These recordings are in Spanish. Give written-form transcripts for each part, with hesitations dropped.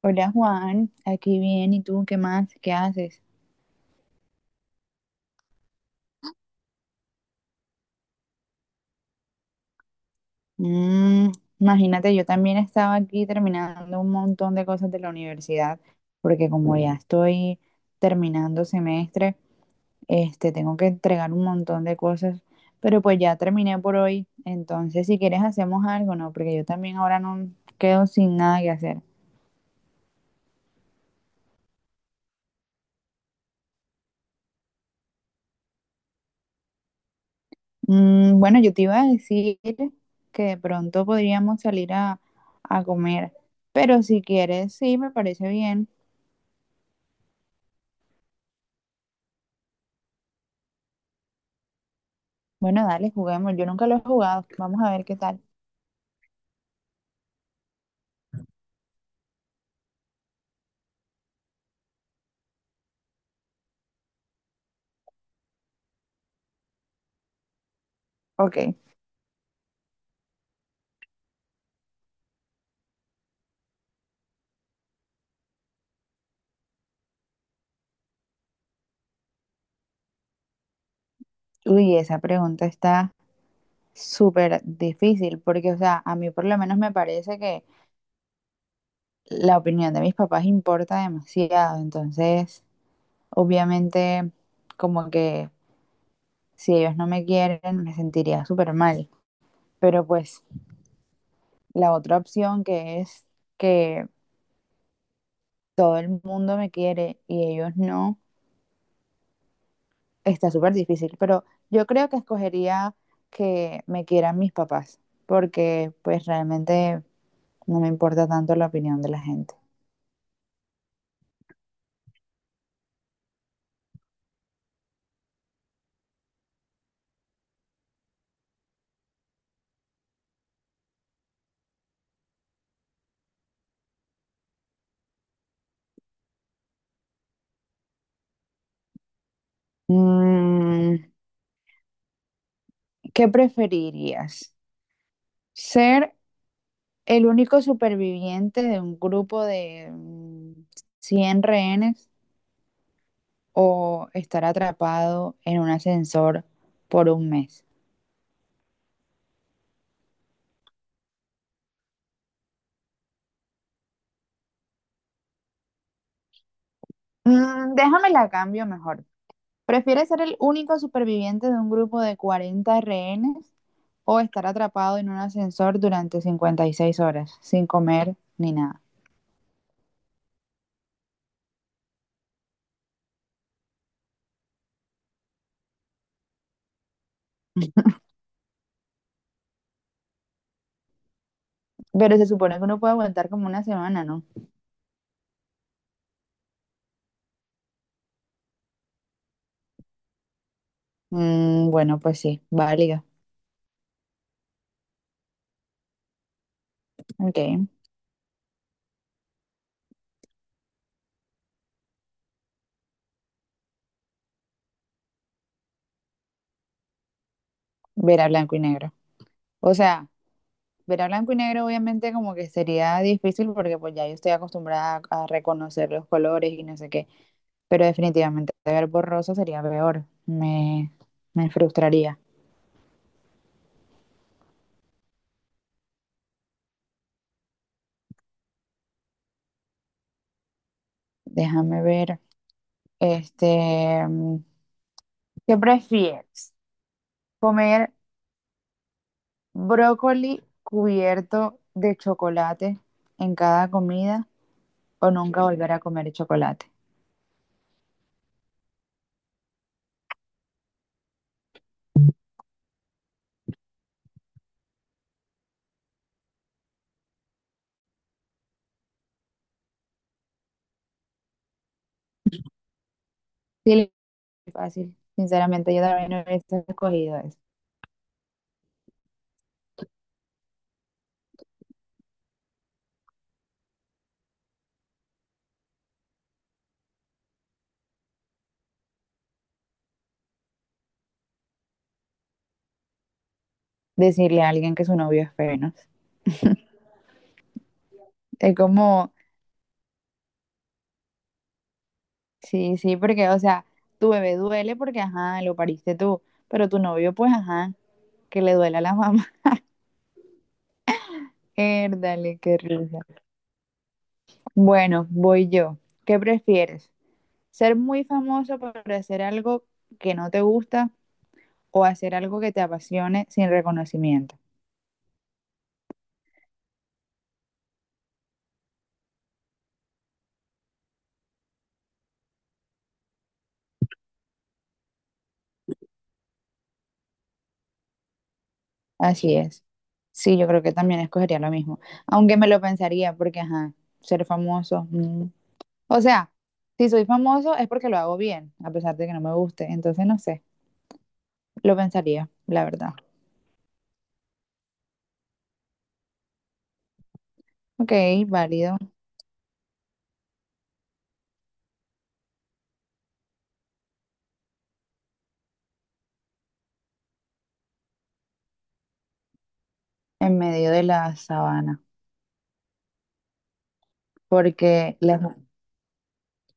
Hola Juan, aquí bien, ¿y tú qué más? ¿Qué haces? Mm, Imagínate, yo también estaba aquí terminando un montón de cosas de la universidad, porque como ya estoy terminando semestre, este, tengo que entregar un montón de cosas, pero pues ya terminé por hoy, entonces si quieres hacemos algo, ¿no? Porque yo también ahora no quedo sin nada que hacer. Mm, bueno, yo te iba a decir que de pronto podríamos salir a comer, pero si quieres, sí, me parece bien. Bueno, dale, juguemos. Yo nunca lo he jugado. Vamos a ver qué tal. Ok. Uy, esa pregunta está súper difícil porque, o sea, a mí por lo menos me parece que la opinión de mis papás importa demasiado. Entonces, obviamente, como que si ellos no me quieren, me sentiría súper mal. Pero pues la otra opción, que es que todo el mundo me quiere y ellos no, está súper difícil, pero yo creo que escogería que me quieran mis papás, porque pues realmente no me importa tanto la opinión de la gente. Mm, ¿qué preferirías? ¿Ser el único superviviente de un grupo de 100 rehenes o estar atrapado en un ascensor por un mes? Mm, déjame la cambio mejor. ¿Prefieres ser el único superviviente de un grupo de 40 rehenes o estar atrapado en un ascensor durante 56 horas sin comer ni nada? Pero se supone que uno puede aguantar como una semana, ¿no? Mm, bueno, pues sí, válida. Ok, ver a blanco y negro. O sea, ver a blanco y negro obviamente como que sería difícil porque pues ya yo estoy acostumbrada a reconocer los colores y no sé qué, pero definitivamente ver borroso sería peor. Me frustraría. Déjame ver. Este, ¿qué prefieres? ¿Comer brócoli cubierto de chocolate en cada comida o nunca volver a comer chocolate? Sí, es fácil. Sinceramente, yo también hubiese escogido eso. Decirle a alguien que su novio es feo, ¿no? Es como, sí, sí, porque, o sea, tu bebé duele porque, ajá, lo pariste tú, pero tu novio, pues, ajá, que le duela a la mamá. Dale, qué risa. Bueno, voy yo. ¿Qué prefieres? ¿Ser muy famoso por hacer algo que no te gusta o hacer algo que te apasione sin reconocimiento? Así es. Sí, yo creo que también escogería lo mismo. Aunque me lo pensaría porque, ajá, ser famoso. Mm. O sea, si soy famoso es porque lo hago bien, a pesar de que no me guste. Entonces, no sé, lo pensaría, la verdad. Ok, válido. En medio de la sabana. Porque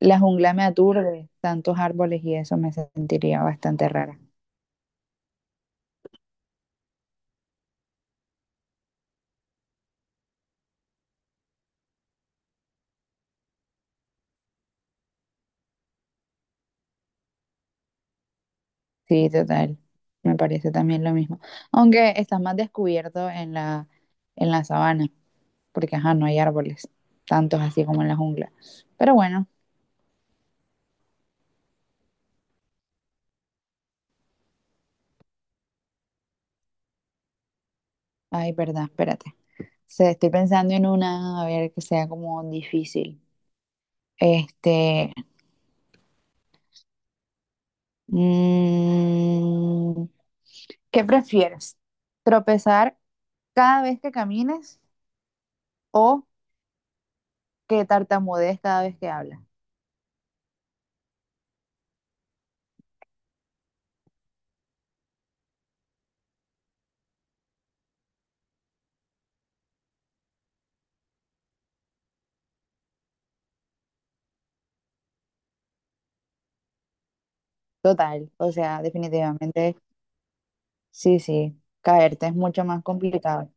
la jungla me aturde, tantos árboles y eso me sentiría bastante rara. Sí, total. Me parece también lo mismo. Aunque estás más descubierto en la, sabana, porque ajá, no hay árboles, tantos así como en la jungla. Pero bueno, ay, verdad, espérate. Estoy pensando en una, a ver, que sea como difícil. Este, mm, ¿qué prefieres? ¿Tropezar cada vez que camines o que tartamudees cada vez que hablas? Total, o sea, definitivamente, sí, sí, caerte es mucho más complicado.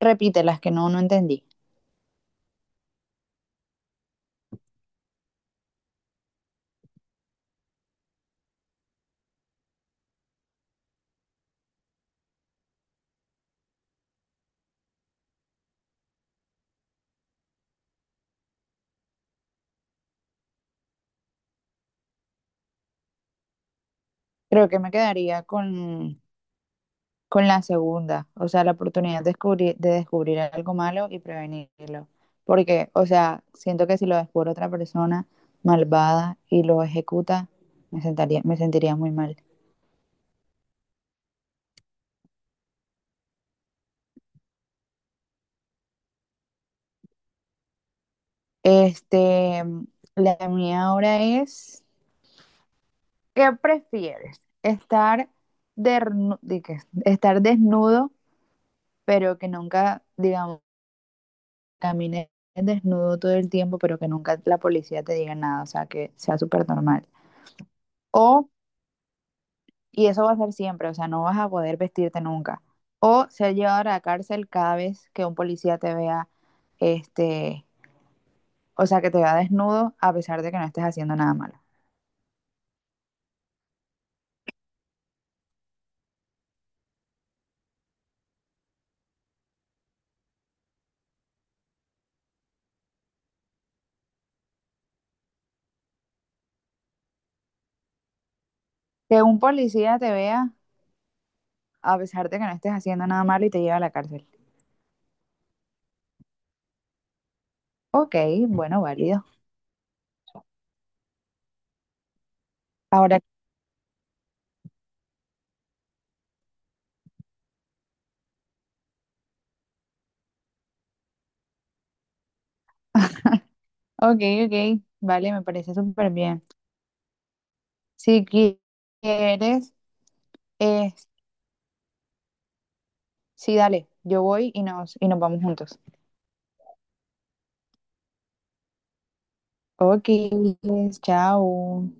Repite las que no, no entendí. Creo que me quedaría con la segunda, o sea, la oportunidad de descubrir algo malo y prevenirlo. Porque, o sea, siento que si lo descubre otra persona malvada y lo ejecuta, me sentiría muy mal. Este, la mía ahora es, ¿qué prefieres? ¿Estar, de qué? ¿Estar desnudo? Pero que nunca, digamos, camines desnudo todo el tiempo, pero que nunca la policía te diga nada, o sea, que sea súper normal. O, y eso va a ser siempre, o sea, no vas a poder vestirte nunca. O ser llevado a la cárcel cada vez que un policía te vea, este, o sea, que te vea desnudo a pesar de que no estés haciendo nada malo. Que un policía te vea a pesar de que no estés haciendo nada malo y te lleve a la cárcel. Ok, bueno, válido. Ahora, ok, ok, vale, me parece súper bien. Si quieres, eh, sí, dale, yo voy y nos vamos juntos. Ok, chao.